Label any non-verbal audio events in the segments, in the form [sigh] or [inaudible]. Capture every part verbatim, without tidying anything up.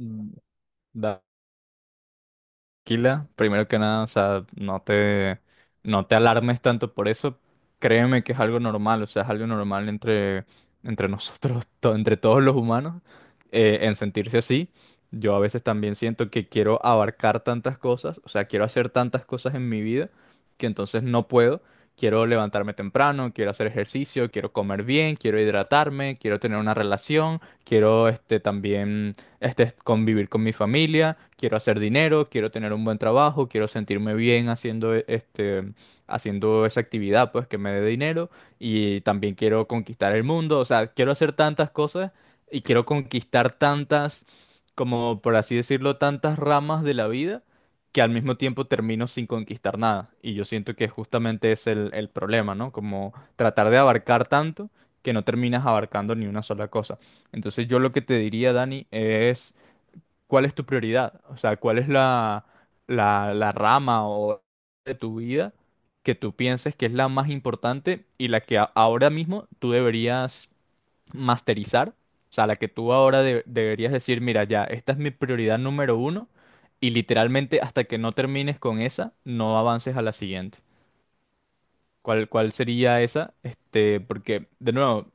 Mm, da- Tranquila, primero que nada, o sea, no te, no te alarmes tanto por eso. Créeme que es algo normal, o sea, es algo normal entre, entre nosotros, [laughs] to- entre todos los humanos, eh, en sentirse así. Yo a veces también siento que quiero abarcar tantas cosas, o sea, quiero hacer tantas cosas en mi vida que entonces no puedo. Quiero levantarme temprano, quiero hacer ejercicio, quiero comer bien, quiero hidratarme, quiero tener una relación, quiero este también este, convivir con mi familia, quiero hacer dinero, quiero tener un buen trabajo, quiero sentirme bien haciendo, e- este, haciendo esa actividad, pues, que me dé dinero y también quiero conquistar el mundo, o sea, quiero hacer tantas cosas y quiero conquistar tantas, como por así decirlo, tantas ramas de la vida que al mismo tiempo termino sin conquistar nada. Y yo siento que justamente es el, el problema, ¿no? Como tratar de abarcar tanto que no terminas abarcando ni una sola cosa. Entonces yo lo que te diría, Dani, es cuál es tu prioridad, o sea, cuál es la, la, la rama o de tu vida que tú pienses que es la más importante y la que a- ahora mismo tú deberías masterizar, o sea, la que tú ahora de- deberías decir, mira, ya, esta es mi prioridad número uno y literalmente hasta que no termines con esa, no avances a la siguiente. ¿Cuál, cuál sería esa? Este, porque, de nuevo,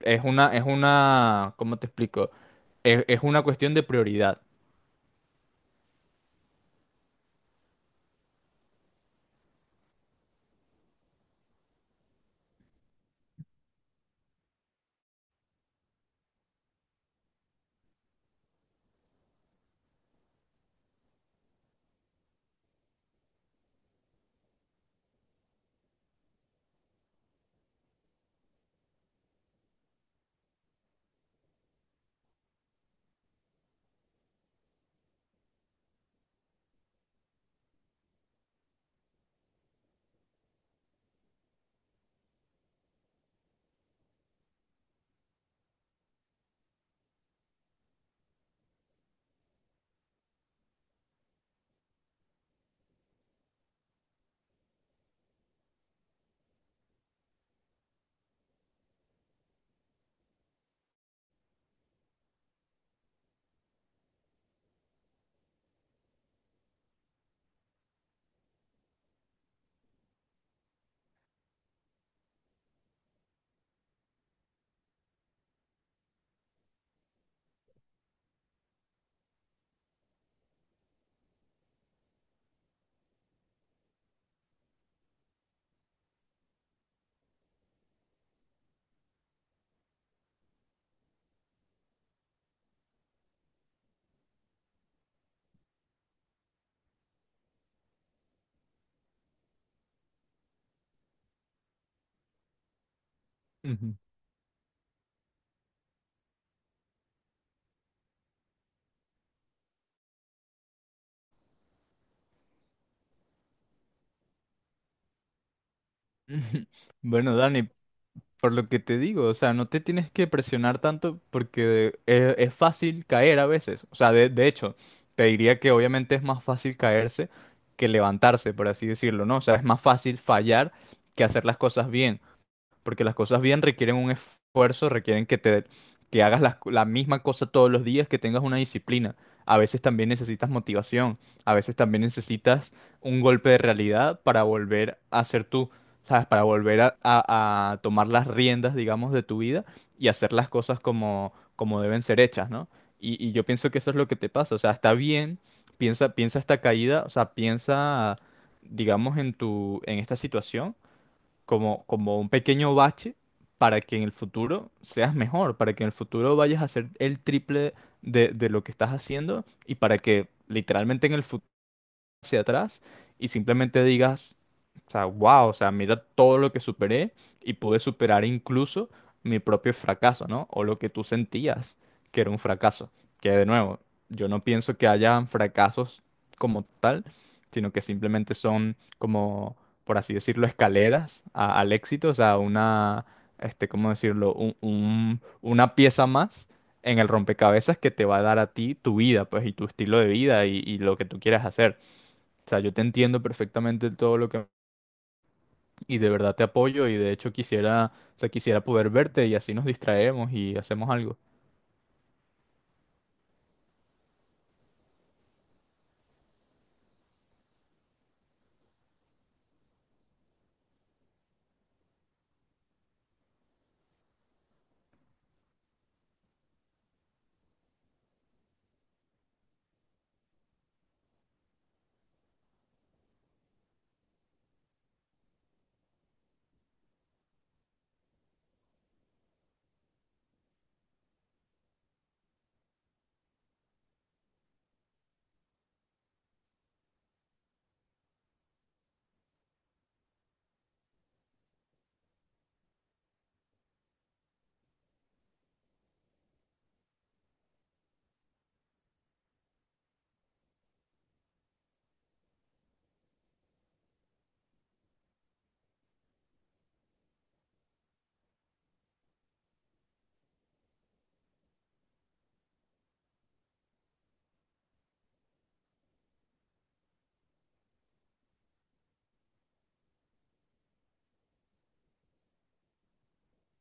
es una, es una, ¿cómo te explico? Es, es una cuestión de prioridad. Ujú. [laughs] Bueno, Dani, por lo que te digo, o sea, no te tienes que presionar tanto porque es, es fácil caer a veces. O sea, de, de hecho, te diría que obviamente es más fácil caerse que levantarse, por así decirlo, ¿no? O sea, es más fácil fallar que hacer las cosas bien. Porque las cosas bien requieren un esfuerzo, requieren que te que hagas las la, misma cosa todos los días, que tengas una disciplina. A veces también necesitas motivación, a veces también necesitas un golpe de realidad para volver a ser tú, ¿sabes? Para volver a, a- a tomar las riendas, digamos, de tu vida y hacer las cosas como, como deben ser hechas, ¿no? Y, y yo pienso que eso es lo que te pasa, o sea, está bien, piensa, piensa esta caída, o sea, piensa, digamos, en tu, en esta situación como, como un pequeño bache para que en el futuro seas mejor, para que en el futuro vayas a hacer el triple de, de lo que estás haciendo y para que literalmente en el futuro hacia atrás y simplemente digas, o sea, wow, o sea, mira todo lo que superé y pude superar incluso mi propio fracaso, ¿no? O lo que tú sentías que era un fracaso. Que de nuevo, yo no pienso que hayan fracasos como tal, sino que simplemente son como, por así decirlo, escaleras a- al éxito, o sea, una, este, ¿cómo decirlo? Un- un- una pieza más en el rompecabezas que te va a dar a ti tu vida, pues, y tu estilo de vida y y lo que tú quieras hacer. O sea, yo te entiendo perfectamente todo lo que... Y de verdad te apoyo y de hecho quisiera, o sea, quisiera poder verte y así nos distraemos y hacemos algo.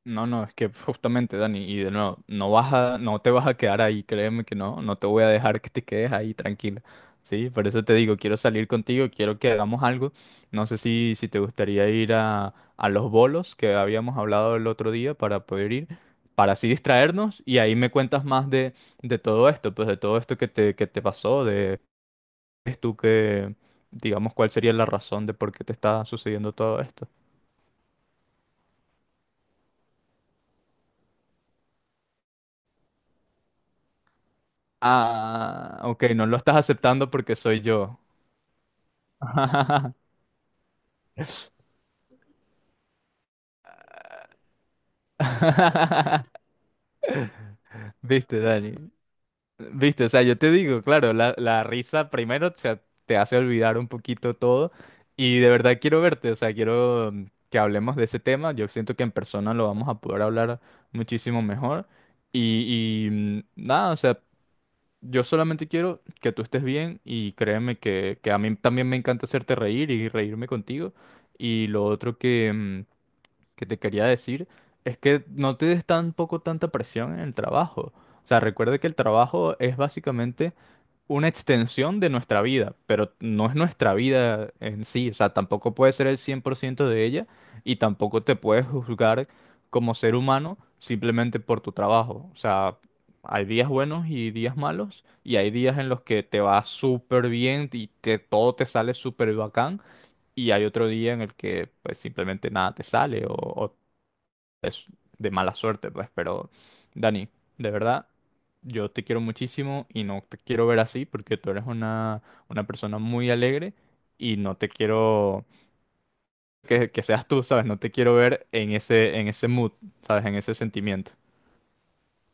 No, no, es que justamente, Dani, y de nuevo, no vas a, no te vas a quedar ahí, créeme que no, no te voy a dejar que te quedes ahí tranquila. Sí, por eso te digo, quiero salir contigo, quiero que hagamos algo. No sé si, si te gustaría ir a, a los bolos que habíamos hablado el otro día para poder ir, para así distraernos y ahí me cuentas más de, de todo esto, pues de todo esto que te, que te, pasó, crees tú que, digamos, ¿cuál sería la razón de por qué te está sucediendo todo esto? Ah, ok, no lo estás aceptando porque soy yo. [laughs] Viste, Dani. Viste, o sea, yo te digo, claro, la, la risa primero, o sea, te hace olvidar un poquito todo y de verdad quiero verte, o sea, quiero mm, que hablemos de ese tema. Yo siento que en persona lo vamos a poder hablar muchísimo mejor y, y, mm, nada, o sea, yo solamente quiero que tú estés bien y créeme que, que a mí también me encanta hacerte reír y reírme contigo. Y lo otro que, mm, que te quería decir es que no te des tampoco tanta presión en el trabajo. O sea, recuerda que el trabajo es básicamente una extensión de nuestra vida, pero no es nuestra vida en sí, o sea, tampoco puede ser el cien por ciento de ella y tampoco te puedes juzgar como ser humano simplemente por tu trabajo, o sea, hay días buenos y días malos y hay días en los que te va súper bien y te, todo te sale súper bacán y hay otro día en el que pues simplemente nada te sale o, o de mala suerte, pues, pero Dani, de verdad, yo te quiero muchísimo y no te quiero ver así porque tú eres una, una persona muy alegre y no te quiero que, que seas tú, ¿sabes? No te quiero ver en ese, en ese mood, ¿sabes? En ese sentimiento.